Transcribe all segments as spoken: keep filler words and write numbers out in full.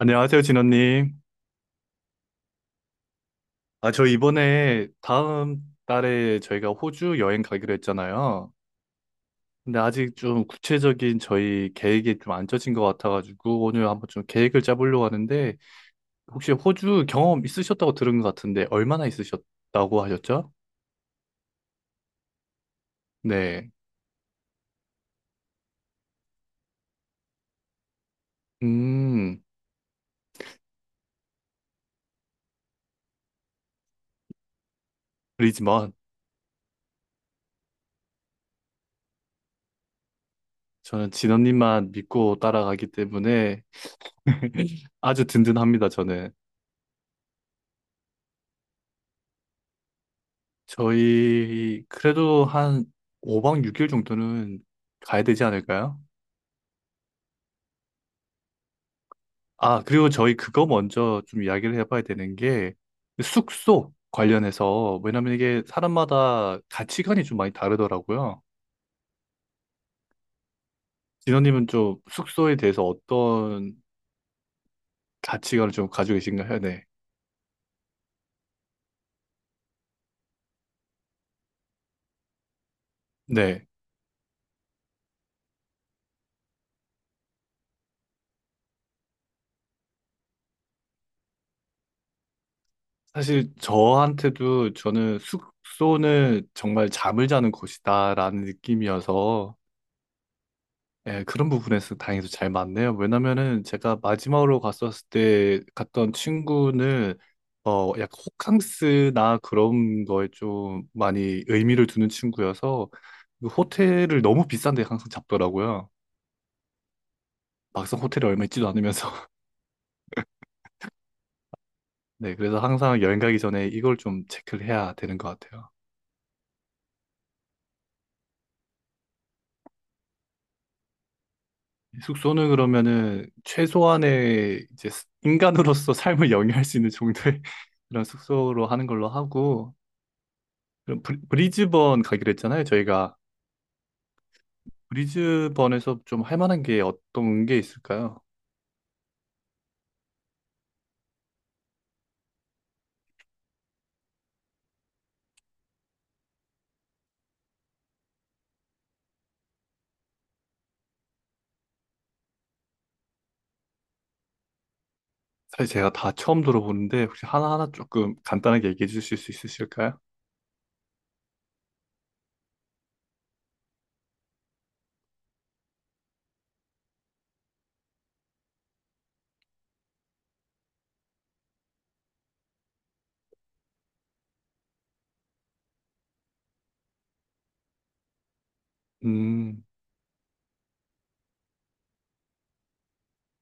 안녕하세요, 진원님. 아, 저 이번에 다음 달에 저희가 호주 여행 가기로 했잖아요. 근데 아직 좀 구체적인 저희 계획이 좀 안 짜진 것 같아가지고 오늘 한번 좀 계획을 짜보려고 하는데 혹시 호주 경험 있으셨다고 들은 것 같은데 얼마나 있으셨다고 하셨죠? 네. 음, 그리지만 저는 진원님만 믿고 따라가기 때문에 아주 든든합니다, 저는. 저희 그래도 한 오 박 육 일 정도는 가야 되지 않을까요? 아, 그리고 저희 그거 먼저 좀 이야기를 해봐야 되는 게 숙소 관련해서 왜냐면 이게 사람마다 가치관이 좀 많이 다르더라고요. 진호님은 좀 숙소에 대해서 어떤 가치관을 좀 가지고 계신가요? 네. 네. 네. 사실 저한테도 저는 숙소는 정말 잠을 자는 곳이다라는 느낌이어서 예, 그런 부분에서 다행히도 잘 맞네요. 왜냐면은 제가 마지막으로 갔었을 때 갔던 친구는 어 약간 호캉스나 그런 거에 좀 많이 의미를 두는 친구여서 그 호텔을 너무 비싼 데 항상 잡더라고요. 막상 호텔이 얼마 있지도 않으면서. 네, 그래서 항상 여행 가기 전에 이걸 좀 체크를 해야 되는 것 같아요. 숙소는 그러면은 최소한의 이제 스- 인간으로서 삶을 영위할 수 있는 정도의 그런 숙소로 하는 걸로 하고 그럼 브리- 브리즈번 가기로 했잖아요, 저희가. 브리즈번에서 좀 할 만한 게 어떤 게 있을까요? 사실 제가 다 처음 들어보는데 혹시 하나하나 조금 간단하게 얘기해 주실 수 있으실까요? 음,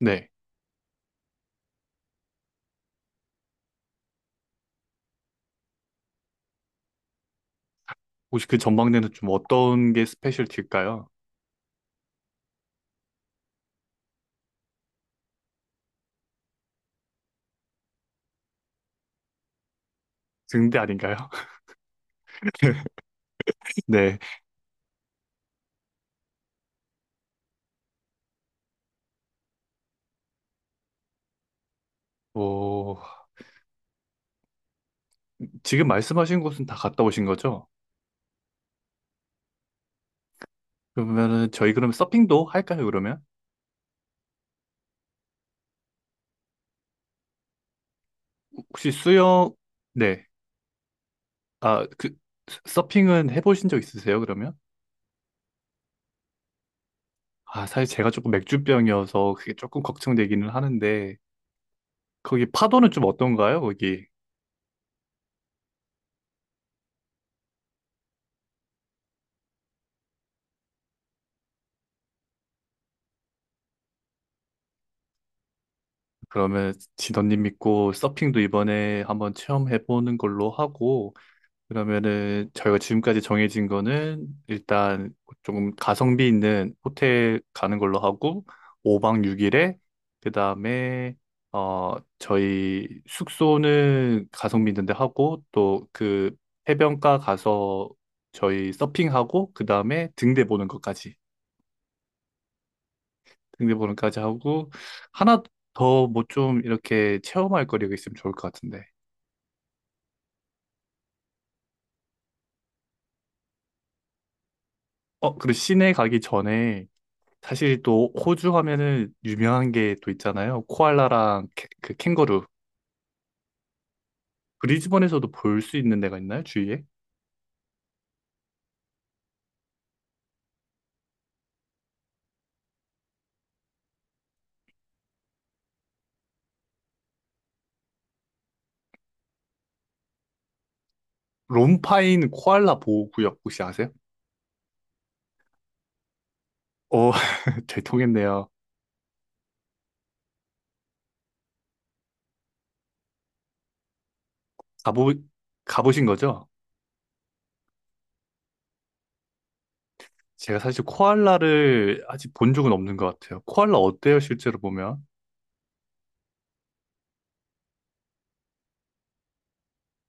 네. 혹시 그 전망대는 좀 어떤 게 스페셜티일까요? 등대 아닌가요? 네. 뭐 지금 말씀하신 곳은 다 갔다 오신 거죠? 그러면은 저희 그럼 서핑도 할까요, 그러면? 혹시 수영 네. 아, 그 서핑은 해보신 적 있으세요, 그러면? 아, 사실 제가 조금 맥주병이어서 그게 조금 걱정되기는 하는데, 거기 파도는 좀 어떤가요, 거기? 그러면 진원님 믿고 서핑도 이번에 한번 체험해보는 걸로 하고, 그러면은 저희가 지금까지 정해진 거는 일단 조금 가성비 있는 호텔 가는 걸로 하고 오 박 육 일에 그다음에 어 저희 숙소는 가성비 있는 데 하고 또 그 해변가 가서 저희 서핑하고 그다음에 등대 보는 것까지 등대 보는 것까지 하고 하나 더 뭐 좀 이렇게 체험할 거리가 있으면 좋을 것 같은데. 어, 그리고 시내 가기 전에 사실 또 호주 하면은 유명한 게 또 있잖아요. 코알라랑 캐- 그 캥거루. 브리즈번에서도 볼 수 있는 데가 있나요? 주위에? 롬파인 코알라 보호구역 혹시 아세요? 오, 잘 통했네요. 가보, 가보신 거죠? 제가 사실 코알라를 아직 본 적은 없는 것 같아요. 코알라 어때요, 실제로 보면?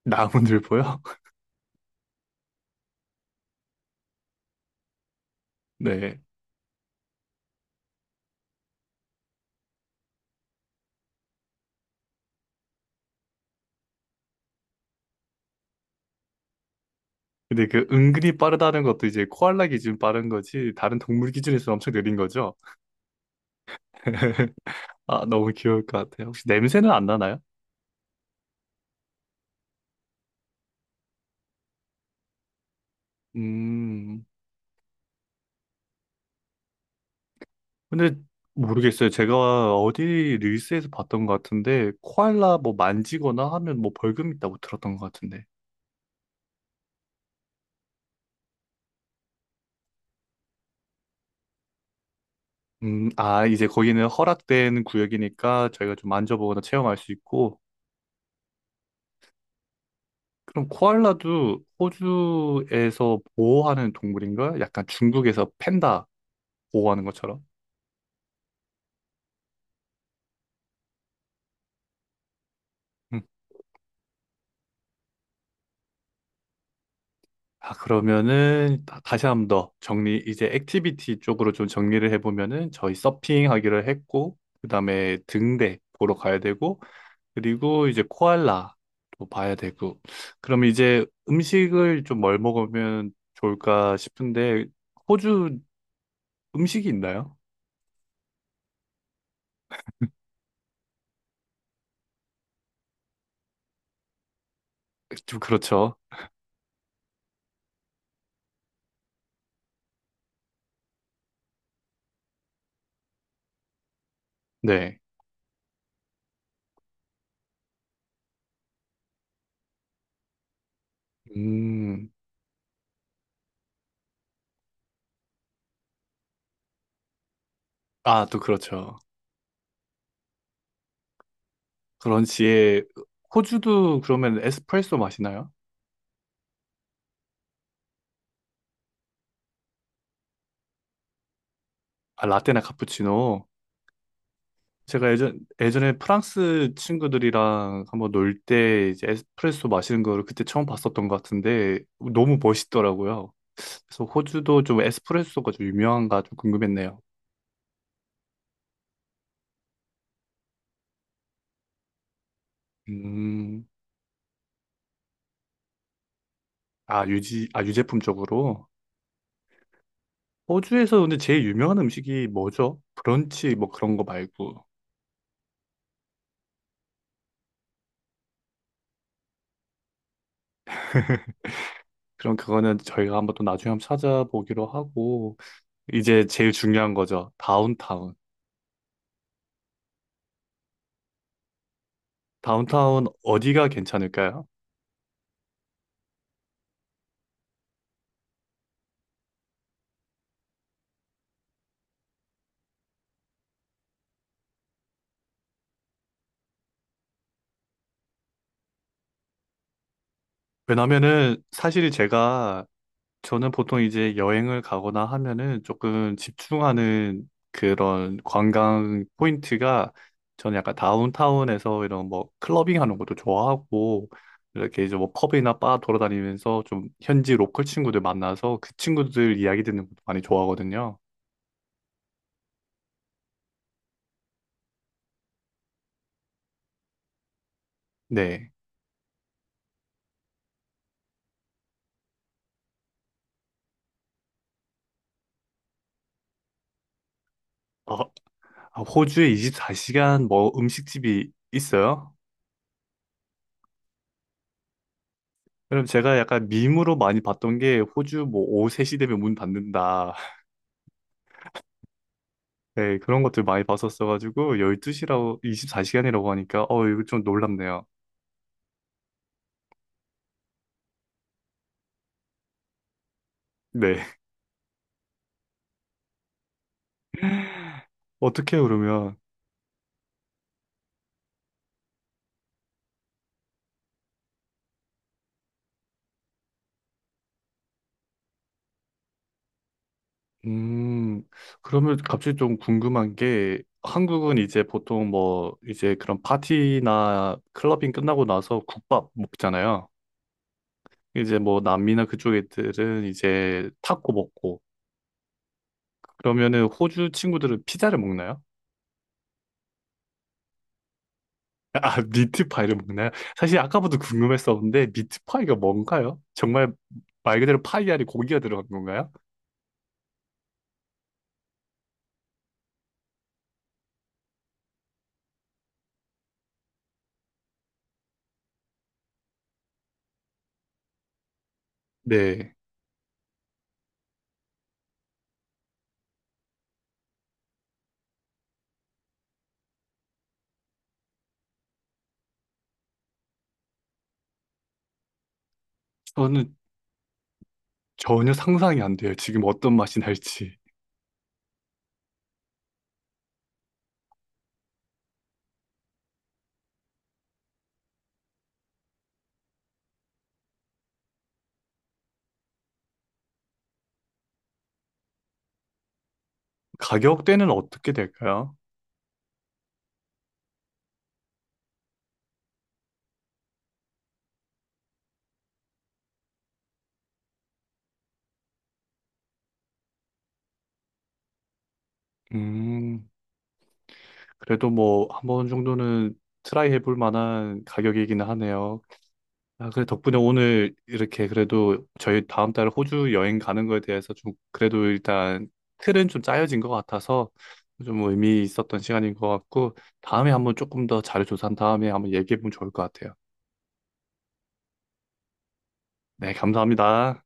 나무늘보요? 네. 근데 그 은근히 빠르다는 것도 이제 코알라 기준 빠른 거지, 다른 동물 기준에서 엄청 느린 거죠? 아, 너무 귀여울 것 같아요. 혹시 냄새는 안 나나요? 음, 근데 모르겠어요. 제가 어디 릴스에서 봤던 것 같은데, 코알라 뭐 만지거나 하면 뭐 벌금 있다고 들었던 것 같은데. 음, 아, 이제 거기는 허락된 구역이니까 저희가 좀 만져보거나 체험할 수 있고, 그럼 코알라도 호주에서 보호하는 동물인가? 약간 중국에서 팬다 보호하는 것처럼. 아, 그러면은 다- 다시 한 번 더 정리, 이제 액티비티 쪽으로 좀 정리를 해보면은 저희 서핑 하기로 했고, 그 다음에 등대 보러 가야 되고, 그리고 이제 코알라 도 봐야 되고, 그럼 이제 음식을 좀 뭘 먹으면 좋을까 싶은데, 호주 음식이 있나요? 좀 그렇죠. 네. 음, 아, 또 그렇죠. 그런지에 호주도 그러면 에스프레소 마시나요? 아, 라떼나 카푸치노. 제가 예전, 예전에 프랑스 친구들이랑 한번 놀 때 이제 에스프레소 마시는 거를 그때 처음 봤었던 것 같은데 너무 멋있더라고요. 그래서 호주도 좀 에스프레소가 좀 유명한가 좀 궁금했네요. 음, 아, 유지, 아, 유제품 쪽으로. 호주에서 근데 제일 유명한 음식이 뭐죠? 브런치 뭐 그런 거 말고. 그럼 그거는 저희가 한번 또 나중에 한번 찾아보기로 하고. 이제 제일 중요한 거죠. 다운타운. 다운타운 어디가 괜찮을까요? 왜냐면은 사실 제가 저는 보통 이제 여행을 가거나 하면은 조금 집중하는 그런 관광 포인트가 저는 약간 다운타운에서 이런 뭐 클러빙 하는 것도 좋아하고 이렇게 이제 뭐 펍이나 바 돌아다니면서 좀 현지 로컬 친구들 만나서 그 친구들 이야기 듣는 것도 많이 좋아하거든요. 네. 어, 아, 호주에 이십사 시간 뭐 음식집이 있어요? 그럼 제가 약간 밈으로 많이 봤던 게 호주 뭐 오후 세 시 되면 문 닫는다. 네, 그런 것들 많이 봤었어가지고 열두 시라고 이십사 시간이라고 하니까 어 이거 좀 놀랍네요. 네. 어떻게 해요, 그러면 음 그러면 갑자기 좀 궁금한 게 한국은 이제 보통 뭐 이제 그런 파티나 클러빙 끝나고 나서 국밥 먹잖아요. 이제 뭐 남미나 그쪽 애들은 이제 타코 먹고 그러면은 호주 친구들은 피자를 먹나요? 아, 미트파이를 먹나요? 사실 아까부터 궁금했었는데, 미트파이가 뭔가요? 정말 말 그대로 파이 안에 고기가 들어간 건가요? 네. 저는 전혀 상상이 안 돼요. 지금 어떤 맛이 날지. 가격대는 어떻게 될까요? 음, 그래도 뭐, 한 번 정도는 트라이 해볼 만한 가격이기는 하네요. 아, 그래, 덕분에 오늘 이렇게 그래도 저희 다음 달 호주 여행 가는 거에 대해서 좀 그래도 일단 틀은 좀 짜여진 것 같아서 좀 의미 있었던 시간인 것 같고 다음에 한번 조금 더 자료 조사한 다음에 한번 얘기해보면 좋을 것 같아요. 네, 감사합니다.